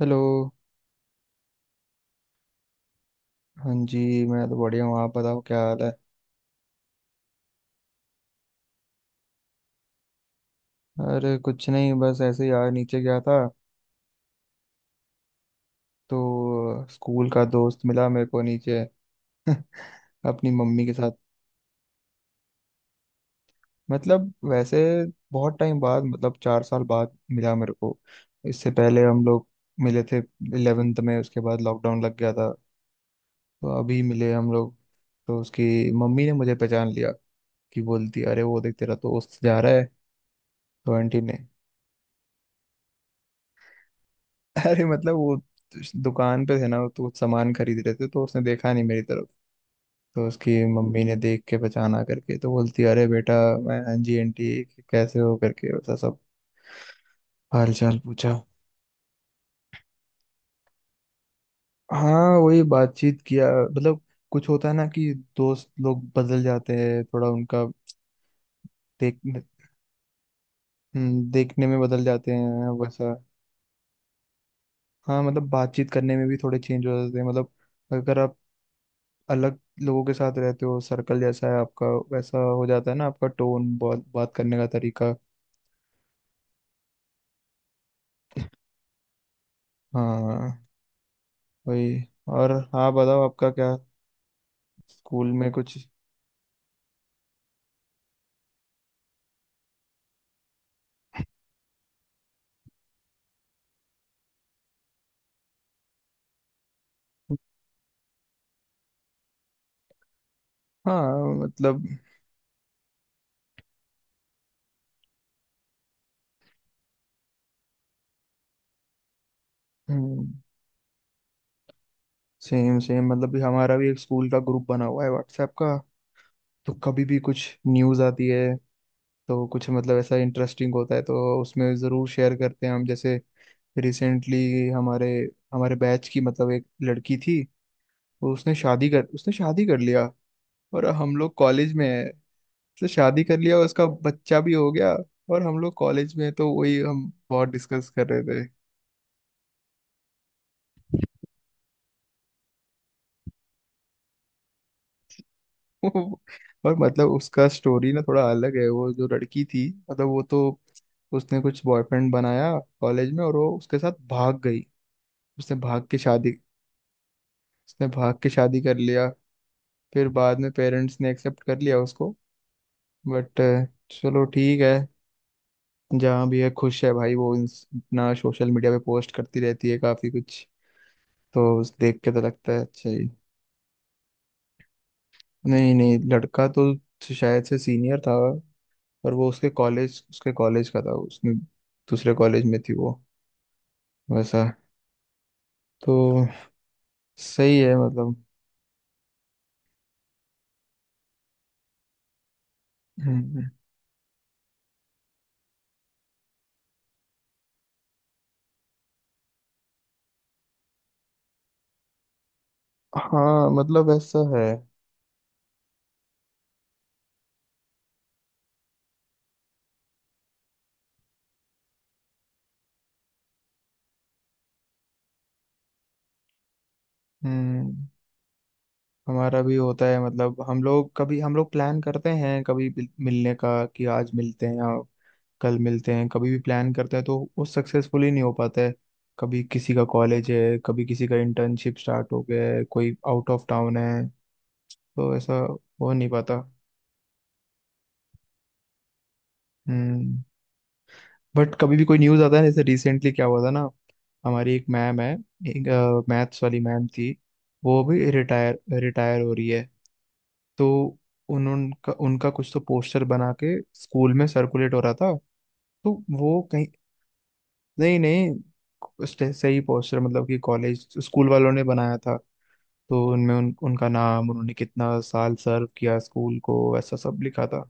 Hello. हाँ जी। मैं तो बढ़िया हूँ, आप बताओ क्या हाल है? अरे कुछ नहीं, बस ऐसे ही यार, नीचे गया था। तो स्कूल का दोस्त मिला मेरे को नीचे। अपनी मम्मी के साथ। मतलब वैसे बहुत टाइम बाद, मतलब 4 साल बाद मिला मेरे को। इससे पहले हम लोग मिले थे 11th में, उसके बाद लॉकडाउन लग गया था। तो अभी मिले हम लोग। तो उसकी मम्मी ने मुझे पहचान लिया, कि बोलती अरे वो देख तेरा दोस्त जा रहा है। तो आंटी ने, अरे मतलब वो दुकान पे थे ना, तो कुछ सामान खरीद रहे थे, तो उसने देखा नहीं मेरी तरफ। तो उसकी मम्मी ने देख के पहचाना करके, तो बोलती अरे बेटा। मैं हाँ जी आंटी कैसे हो करके वैसा सब हाल चाल पूछा। हाँ, वही बातचीत किया। मतलब कुछ होता है ना कि दोस्त लोग बदल जाते हैं थोड़ा उनका, देख। देखने में बदल जाते हैं वैसा। हाँ, मतलब बातचीत करने में भी थोड़े चेंज हो जाते हैं। मतलब अगर आप अलग लोगों के साथ रहते हो, सर्कल जैसा है आपका, वैसा हो जाता है ना आपका टोन, बात बात करने का तरीका। हाँ, वही। और हाँ बताओ आपका क्या, स्कूल में कुछ? हाँ मतलब, सेम सेम मतलब भी, हमारा भी एक स्कूल का ग्रुप बना हुआ है व्हाट्सएप का। तो कभी भी कुछ न्यूज़ आती है, तो कुछ मतलब ऐसा इंटरेस्टिंग होता है, तो उसमें ज़रूर शेयर करते हैं हम। जैसे रिसेंटली हमारे हमारे बैच की मतलब एक लड़की थी। तो उसने शादी कर लिया। और हम लोग कॉलेज में है, तो शादी कर लिया, उसका बच्चा भी हो गया। और हम लोग कॉलेज में हैं, तो वही हम बहुत डिस्कस कर रहे थे। और मतलब उसका स्टोरी ना थोड़ा अलग है। वो जो लड़की थी मतलब, वो तो उसने कुछ बॉयफ्रेंड बनाया कॉलेज में, और वो उसके साथ भाग गई। उसने भाग के शादी उसने भाग के शादी कर लिया। फिर बाद में पेरेंट्स ने एक्सेप्ट कर लिया उसको। बट चलो ठीक है, जहाँ भी है खुश है भाई। वो अपना सोशल मीडिया पे पोस्ट करती रहती है काफी कुछ। तो उस देख के तो लगता है अच्छा ही। नहीं नहीं, लड़का तो शायद से सीनियर था। पर वो उसके कॉलेज का था उसने। दूसरे कॉलेज में थी वो, वैसा। तो सही है मतलब। हम्म, हाँ मतलब ऐसा है। हम्म, हमारा भी होता है। मतलब हम लोग कभी, हम लोग प्लान करते हैं कभी, मिलने का कि आज मिलते हैं, कल मिलते हैं, कभी भी प्लान करते हैं, तो वो सक्सेसफुली नहीं हो पाता है। कभी किसी का कॉलेज है, कभी किसी का इंटर्नशिप स्टार्ट हो गया है, कोई आउट ऑफ टाउन है, तो ऐसा हो नहीं पाता। हम्म। बट कभी भी कोई न्यूज़ आता है, जैसे रिसेंटली क्या हुआ था ना। हमारी एक मैम है, एक मैथ्स वाली मैम थी। वो भी रिटायर रिटायर हो रही है। तो उन्होंने उनका उनका कुछ तो पोस्टर बना के स्कूल में सर्कुलेट हो रहा था। तो वो कहीं, नहीं नहीं, उसने सही पोस्टर मतलब कि कॉलेज स्कूल वालों ने बनाया था। तो उनमें उनका नाम, उन्होंने कितना साल सर्व किया स्कूल को, ऐसा सब लिखा था।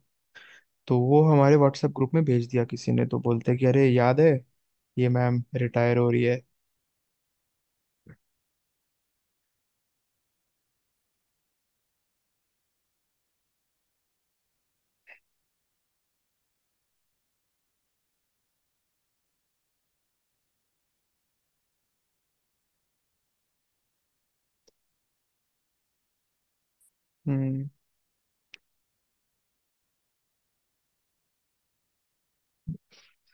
तो वो हमारे व्हाट्सएप ग्रुप में भेज दिया किसी ने, तो बोलते कि अरे याद है, ये मैम रिटायर हो रही है। हम्म।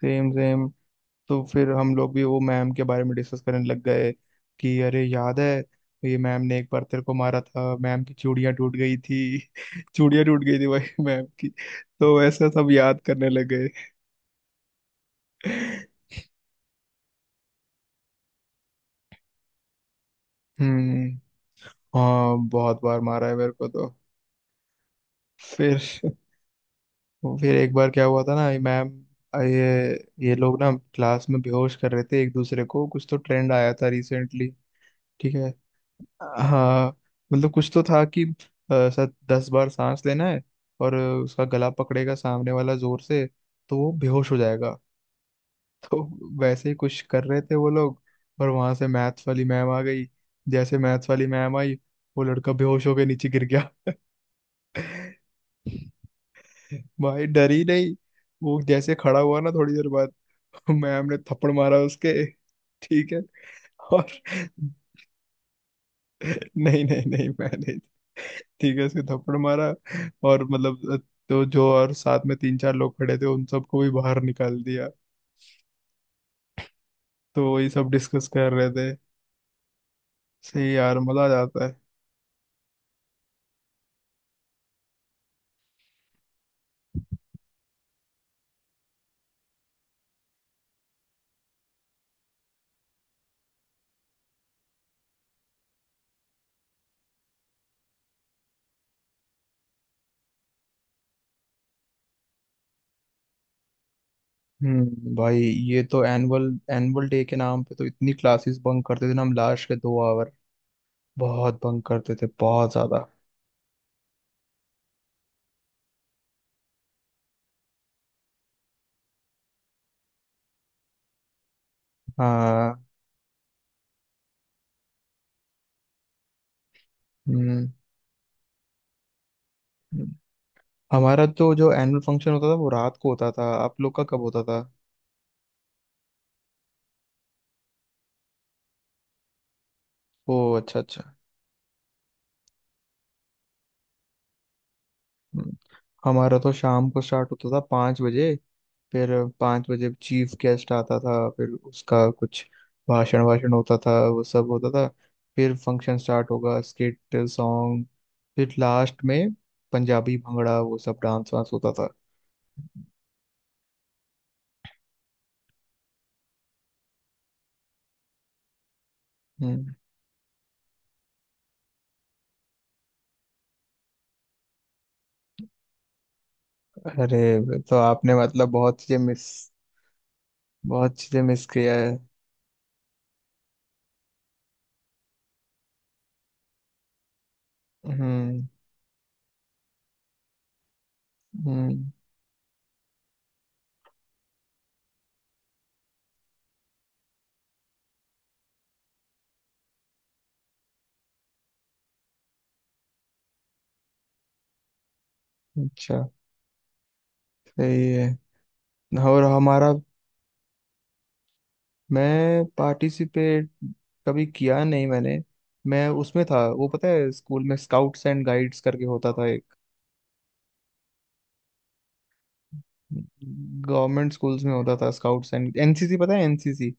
Same same. तो फिर हम लोग भी वो मैम के बारे में डिस्कस करने लग गए कि अरे याद है, ये मैम ने एक बार तेरे को मारा था, मैम की चूड़ियां टूट गई थी। चूड़ियां टूट गई थी भाई मैम की। तो ऐसा सब याद करने लगे। हम्म। हाँ, बहुत बार मारा है मेरे को तो। फिर एक बार क्या हुआ था ना, ये मैम, ये ये लोग ना क्लास में बेहोश कर रहे थे एक दूसरे को, कुछ तो ट्रेंड आया था रिसेंटली। ठीक है। हाँ मतलब कुछ तो था कि शायद 10 बार सांस लेना है, और उसका गला पकड़ेगा सामने वाला जोर से, तो वो बेहोश हो जाएगा। तो वैसे ही कुछ कर रहे थे वो लोग, और वहां से मैथ्स वाली मैम आ गई। जैसे मैथ्स वाली मैम आई, वो लड़का बेहोश होकर नीचे गिर गया। भाई डर ही नहीं। वो जैसे खड़ा हुआ ना थोड़ी देर बाद, मैम ने थप्पड़ मारा उसके। ठीक है। और नहीं नहीं नहीं, मैं नहीं। ठीक है, उसके थप्पड़ मारा। और मतलब, तो जो और साथ में तीन चार लोग खड़े थे, उन सबको भी बाहर निकाल दिया। तो वही सब डिस्कस कर रहे थे। सही यार, मजा आ जाता है। हम्म, भाई ये तो एनुअल एनुअल डे के नाम पे तो इतनी क्लासेस बंक करते थे ना हम, लास्ट के 2 आवर। बहुत बंक करते थे, बहुत ज्यादा। हाँ। हम्म। हम्म। हमारा तो जो एनुअल फंक्शन होता था वो रात को होता था, आप लोग का कब होता था? ओ, अच्छा अच्छा। हम्म, हमारा तो शाम को स्टार्ट होता था, 5 बजे। फिर 5 बजे चीफ गेस्ट आता था, फिर उसका कुछ भाषण वाषण होता था, वो सब होता था। फिर फंक्शन स्टार्ट होगा, स्किट, सॉन्ग, फिर लास्ट में पंजाबी भंगड़ा, वो सब डांस वांस होता था। हम्म। अरे तो आपने मतलब बहुत चीजें मिस किया है। हम्म। हम्म। अच्छा, सही है। और हमारा, मैं पार्टिसिपेट कभी किया नहीं मैंने। मैं उसमें था वो, पता है स्कूल में स्काउट्स एंड गाइड्स करके होता था एक, गवर्नमेंट स्कूल्स में होता था स्काउट्स एंड एनसीसी, पता है एनसीसी?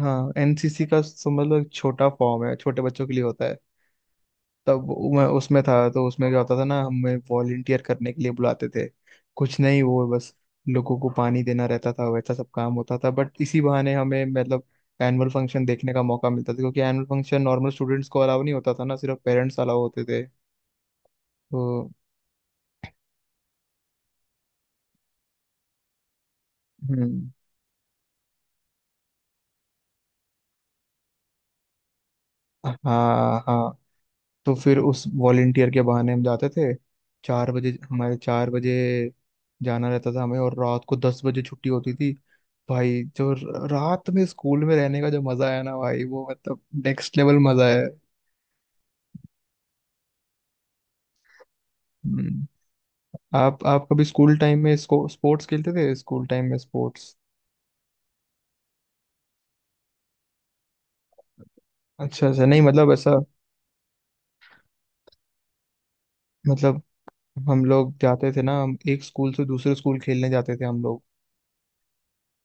हाँ, एनसीसी का समझ लो एक छोटा फॉर्म है, छोटे बच्चों के लिए होता है। तब मैं उसमें था, तो उसमें क्या होता था ना, हमें वॉलंटियर करने के लिए बुलाते थे, कुछ नहीं वो बस लोगों को पानी देना रहता था, वैसा सब काम होता था। बट इसी बहाने हमें मतलब एनुअल फंक्शन देखने का मौका मिलता था, क्योंकि एनुअल फंक्शन नॉर्मल स्टूडेंट्स को अलाउ नहीं होता था ना, सिर्फ पेरेंट्स अलाउ होते थे। तो हम्म, हाँ हाँ। तो फिर उस वॉलेंटियर के बहाने हम जाते थे, 4 बजे हमारे, 4 बजे जाना रहता था हमें, और रात को 10 बजे छुट्टी होती थी। भाई जो रात में स्कूल में रहने का जो मजा आया ना भाई, वो मतलब नेक्स्ट लेवल मजा है। हम्म। आप कभी स्कूल टाइम में इसको स्पोर्ट्स खेलते थे, स्कूल टाइम में स्पोर्ट्स? अच्छा अच्छा। नहीं मतलब ऐसा मतलब, हम लोग जाते थे ना, हम एक स्कूल से दूसरे स्कूल खेलने जाते थे हम लोग।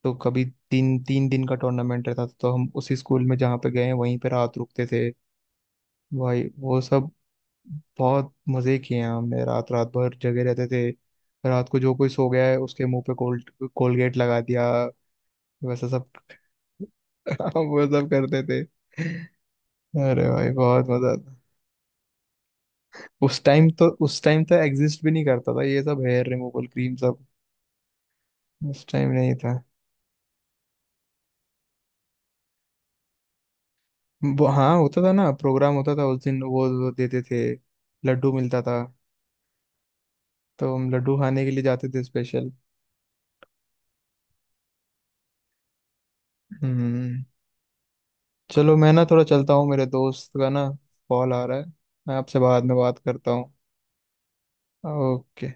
तो कभी तीन तीन दिन का टूर्नामेंट रहता था, तो हम उसी स्कूल में जहाँ पे गए हैं वहीं पे रात रुकते थे। भाई वो सब बहुत मजे किए हैं हमने, रात रात भर जगे रहते थे। रात को जो कोई सो गया है उसके मुंह पे कोलगेट लगा दिया, वैसा सब वो सब करते थे। अरे भाई बहुत मजा आता। उस टाइम तो एग्जिस्ट भी नहीं करता था ये सब हेयर रिमूवल क्रीम सब। उस टाइम नहीं था। वो हाँ होता था ना, प्रोग्राम होता था उस दिन, वो देते थे, लड्डू मिलता था। तो हम लड्डू खाने के लिए जाते थे स्पेशल। हम्म, चलो मैं ना थोड़ा चलता हूँ, मेरे दोस्त का ना कॉल आ रहा है। मैं आपसे बाद में बात करता हूँ। ओके।